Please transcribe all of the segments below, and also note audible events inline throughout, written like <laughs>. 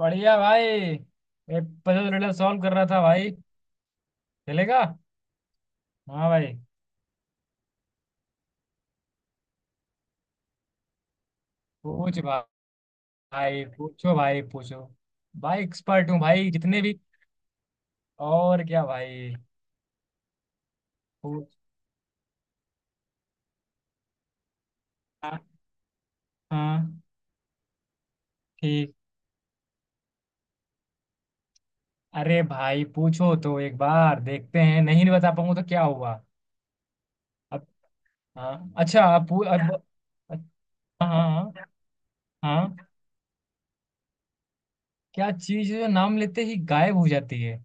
बढ़िया भाई। ये पजल रिडल सॉल्व कर रहा था भाई। चलेगा। हाँ भाई। पूछ। भाई पूछो। भाई एक्सपर्ट हूँ भाई जितने भी। और क्या भाई। पूछ। हाँ हाँ, ठीक। अरे भाई पूछो तो एक बार देखते हैं, नहीं नहीं बता पाऊंगा तो क्या हुआ। अब। हाँ अच्छा, अब अब। अच्छा। हाँ हाँ। हाँ, क्या चीज है जो नाम लेते ही गायब हो जाती है।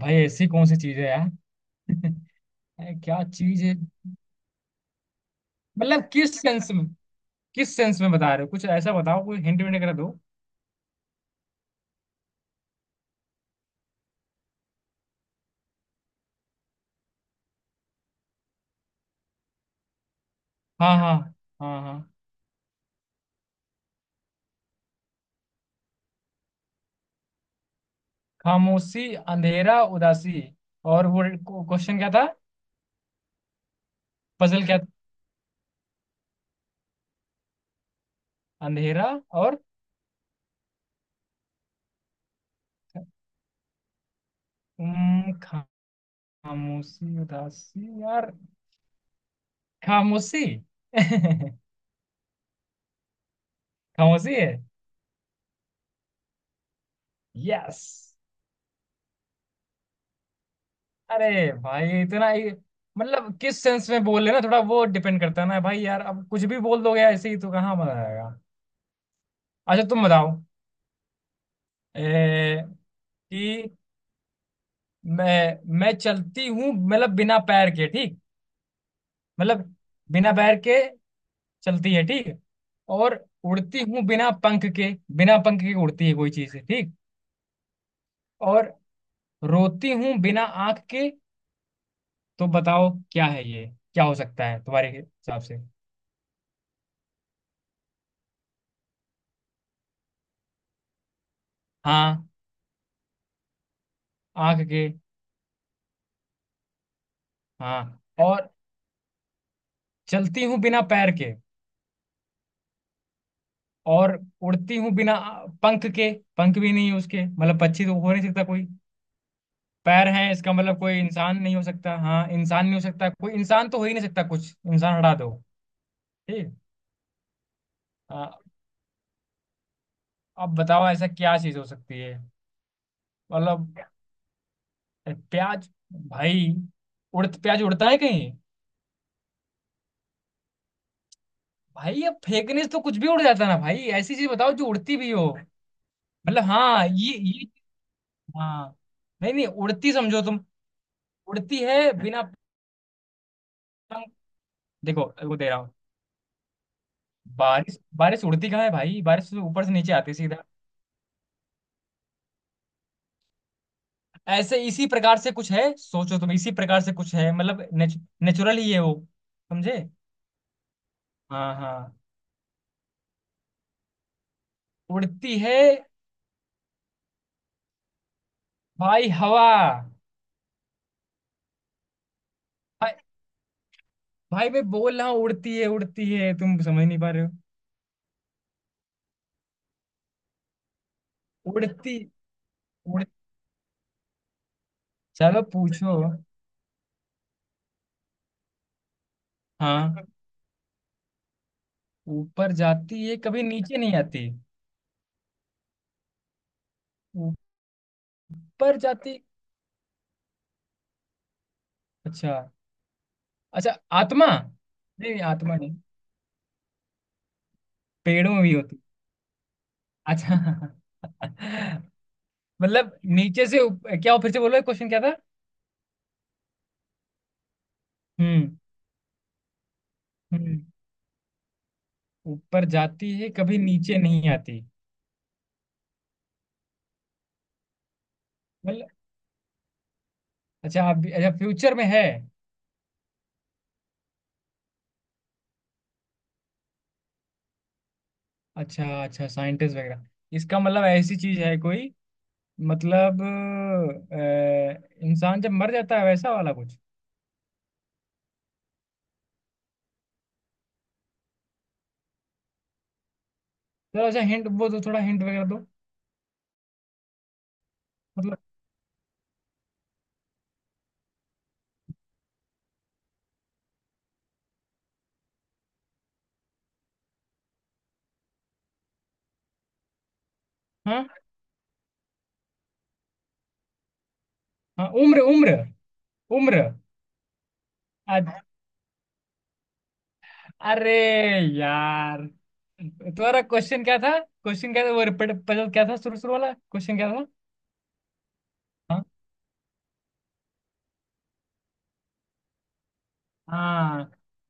भाई ऐसी कौन सी चीज है यार। <laughs> क्या चीज है। मतलब किस सेंस में। किस सेंस में बता रहे हो, कुछ ऐसा बताओ, कोई हिंट विंट कर दो। हाँ हाँ। हाँ हाँ। खामोशी, अंधेरा, उदासी। और वो क्वेश्चन क्या था। पजल क्या था। अंधेरा और उम, खा- खामोशी उदासी यार। खामोशी। <laughs> खामोशी है। यस। अरे भाई इतना ही। मतलब किस सेंस में बोल रहे हो ना, थोड़ा वो डिपेंड करता है ना भाई यार, अब कुछ भी बोल दोगे ऐसे ही तो कहाँ मजा आएगा। अच्छा तुम बताओ। ए, कि मैं चलती हूँ मतलब बिना पैर के, ठीक। मतलब बिना पैर के चलती है, ठीक। और उड़ती हूँ बिना पंख के। बिना पंख के उड़ती है कोई चीज, ठीक। और रोती हूँ बिना आंख के। तो बताओ क्या है ये। क्या हो सकता है तुम्हारे हिसाब से। हाँ, आंख के। हाँ। और चलती हूँ बिना पैर के, और उड़ती हूँ बिना पंख के। पंख भी नहीं है उसके, मतलब पक्षी तो हो नहीं सकता कोई। पैर हैं, इसका मतलब कोई इंसान नहीं हो सकता। हाँ, इंसान नहीं हो सकता, कोई इंसान तो हो ही नहीं सकता, कुछ इंसान हटा दो। ठीक। आ, अब बताओ ऐसा क्या चीज हो सकती है। मतलब प्याज, भाई उड़ प्याज उड़ता है कहीं। भाई अब फेंकने से तो कुछ भी उड़ जाता है ना भाई, ऐसी चीज बताओ जो उड़ती भी हो। मतलब हाँ ये। हाँ। नहीं नहीं, उड़ती समझो तुम। उड़ती है बिना पंख। देखो वो दे रहा हूँ। बारिश बारिश उड़ती कहाँ है भाई, बारिश तो ऊपर से नीचे आती है सीधा। ऐसे इसी प्रकार से कुछ है, सोचो तुम इसी प्रकार से कुछ है, मतलब नेचुरल ही है वो। समझे। हाँ हाँ। उड़ती है भाई, हवा। भाई, भाई मैं बोल रहा हूँ उड़ती है उड़ती है, तुम समझ नहीं पा रहे हो। उड़ती, उड़। चलो पूछो। हाँ। ऊपर जाती है, कभी नीचे नहीं आती। ऊपर जाती। अच्छा। अच्छा आत्मा, नहीं नहीं, आत्मा नहीं। पेड़ों में भी होती। अच्छा। <laughs> मतलब नीचे से क्या हो, फिर से बोलो क्वेश्चन क्या था। हम्म। हम्म। ऊपर जाती है, कभी नीचे नहीं आती। मतलब अच्छा, आप भी अच्छा, फ्यूचर में है। अच्छा अच्छा, साइंटिस्ट वगैरह। इसका मतलब ऐसी चीज है कोई। मतलब इंसान जब मर जाता है वैसा वाला कुछ। थोड़ा अच्छा हिंट वो दो, थोड़ा हिंट वगैरह दो। मतलब। हाँ हाँ, उम्र उम्र। उम्र। अ- अरे यार। तुम्हारा क्वेश्चन क्या था, क्वेश्चन क्या था वो रिपीट। क्या था, शुरू शुरू वाला क्वेश्चन क्या था। हाँ? हाँ।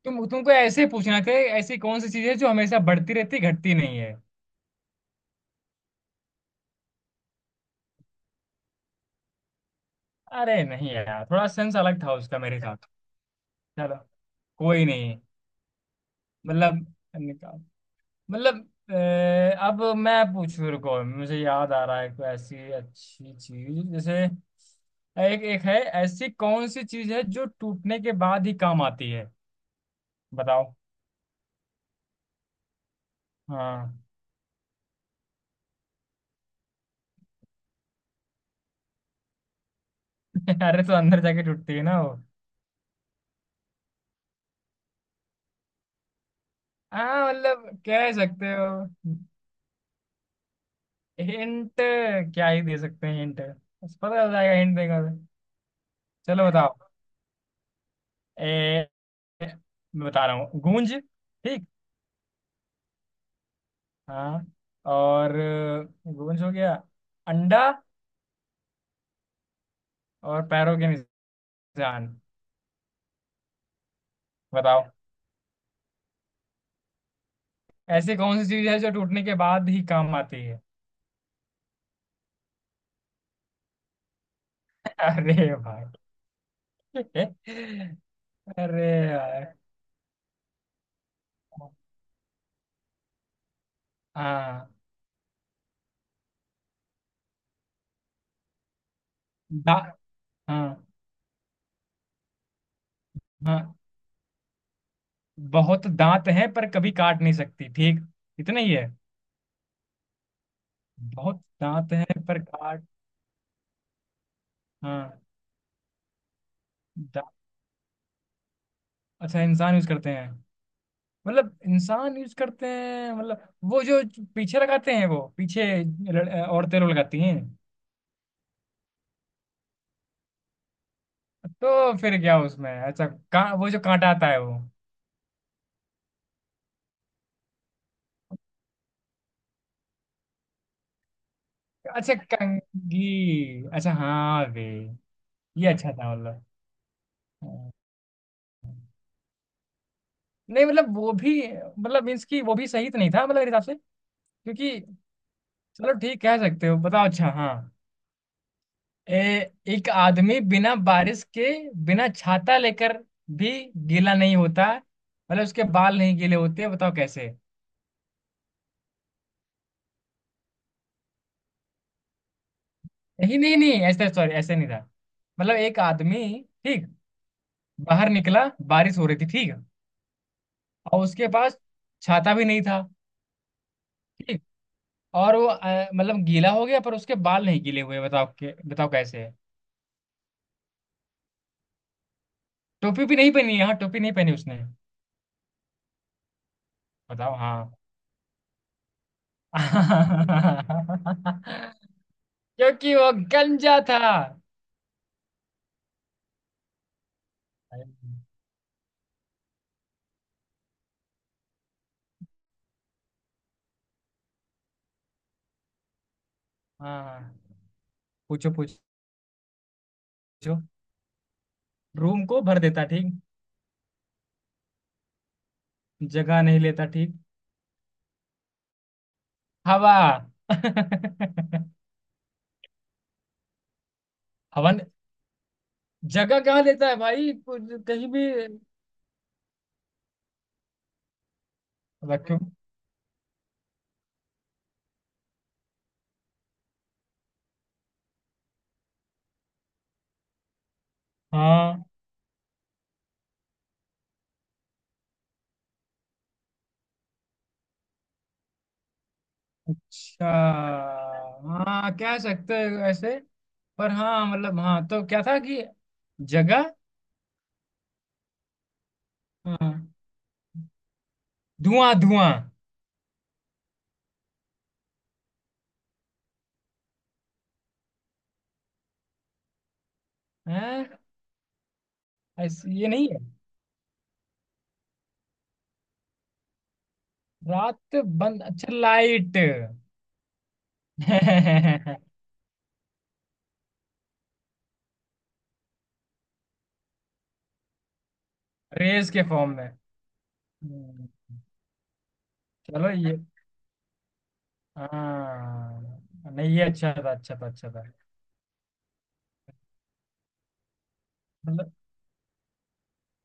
तुम तुमको ऐसे ही पूछना थे। ऐसी कौन सी चीज है जो हमेशा बढ़ती रहती, घटती नहीं है। अरे नहीं यार, थोड़ा सेंस अलग था उसका मेरे साथ। चलो कोई नहीं। मतलब निकाल। मतलब अब मैं पूछ, रुको मुझे याद आ रहा है कोई ऐसी अच्छी चीज, जैसे एक एक है। ऐसी कौन सी चीज है जो टूटने के बाद ही काम आती है। बताओ। हाँ। <laughs> अरे तो अंदर जाके टूटती है ना वो। हाँ मतलब कह सकते हो। हिंट क्या ही दे सकते हैं हिंट, बस पता चल जाएगा हिंट देगा तो। चलो बताओ। ए, मैं बता रहा हूँ गूंज। ठीक। हाँ। और गूंज हो गया, अंडा, और पैरों के निशान। बताओ ऐसी कौन सी चीज है जो टूटने के बाद ही काम आती है। <laughs> अरे भाई, अरे यार। हाँ। दा, हाँ। हाँ, बहुत दांत हैं पर कभी काट नहीं सकती, ठीक। इतना ही है। बहुत दांत हैं पर काट। हाँ दांत। अच्छा इंसान यूज करते हैं, मतलब इंसान यूज करते हैं मतलब वो जो पीछे लगाते हैं, वो पीछे औरतें लोग लगाती हैं। तो फिर क्या उसमें, अच्छा का वो जो कांटा आता है वो। अच्छा कंघी, अच्छा हाँ वे। ये अच्छा था मतलब। हाँ। नहीं मतलब वो भी मतलब मीन्स की वो भी सही तो नहीं था मतलब मेरे हिसाब से, क्योंकि। चलो ठीक कह सकते हो। बताओ। अच्छा हाँ। एक आदमी बिना बारिश के, बिना छाता लेकर भी गीला नहीं होता, मतलब उसके बाल नहीं गीले होते, बताओ कैसे। नहीं नहीं नहीं, ऐसे सॉरी, ऐसे नहीं था। मतलब एक आदमी, ठीक, बाहर निकला, बारिश हो रही थी, ठीक, और उसके पास छाता भी नहीं था, ठीक, और वो मतलब गीला हो गया पर उसके बाल नहीं गीले हुए, बताओ के बताओ कैसे। टोपी भी नहीं पहनी, हाँ टोपी नहीं पहनी उसने। बताओ हाँ। <laughs> क्योंकि वो गंजा था। हाँ हाँ। पूछो पूछो। रूम को भर देता, ठीक। जगह नहीं लेता, ठीक। हवा। <laughs> हवा ने- जगह कहाँ लेता है भाई, कहीं भी। वैक्यूम। हाँ। अच्छा हाँ कह सकते हैं ऐसे। पर हाँ मतलब हाँ, तो क्या था कि जगह। हाँ धुआं धुआं। हैं, ऐसे ये नहीं है। रात बंद, अच्छा लाइट। <laughs> रेस के फॉर्म में। हम्म। चलो ये। हाँ नहीं, ये अच्छा था, अच्छा था, अच्छा था। मतलब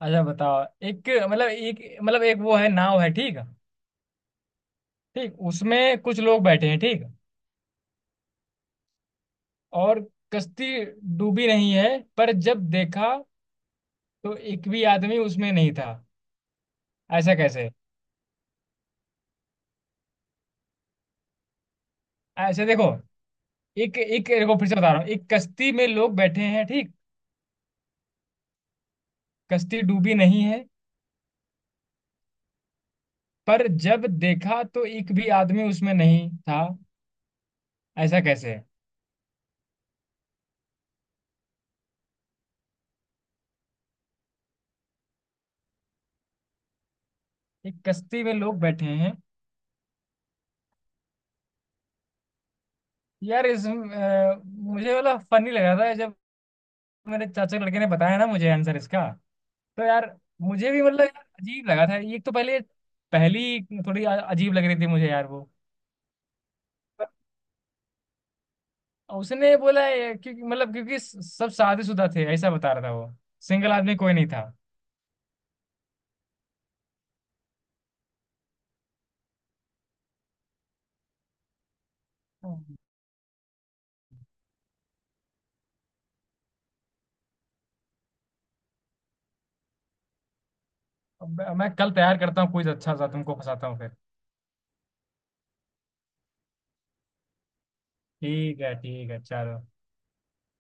अच्छा बताओ, एक मतलब एक मतलब एक वो है, नाव है, ठीक है। ठीक, उसमें कुछ लोग बैठे हैं, ठीक, और कश्ती डूबी नहीं है, पर जब देखा तो एक भी आदमी उसमें नहीं था। ऐसा कैसे। ऐसे देखो, एक एक देखो फिर से बता रहा हूँ, एक कश्ती में लोग बैठे हैं, ठीक। कश्ती डूबी नहीं है, पर जब देखा तो एक भी आदमी उसमें नहीं था, ऐसा कैसे। एक कश्ती में लोग बैठे हैं। यार इस मुझे मतलब फनी लगा था जब मेरे चाचा के लड़के ने बताया ना मुझे आंसर इसका। तो यार मुझे भी मतलब यार अजीब लगा था ये तो, पहले, पहली थोड़ी अजीब लग रही थी मुझे यार वो। पर उसने बोला ये क्योंकि मतलब क्योंकि सब शादीशुदा थे ऐसा बता रहा था वो, सिंगल आदमी कोई नहीं था। अब मैं कल तैयार करता हूँ कुछ अच्छा सा, तुमको फंसाता हूँ फिर। ठीक है ठीक है, चलो।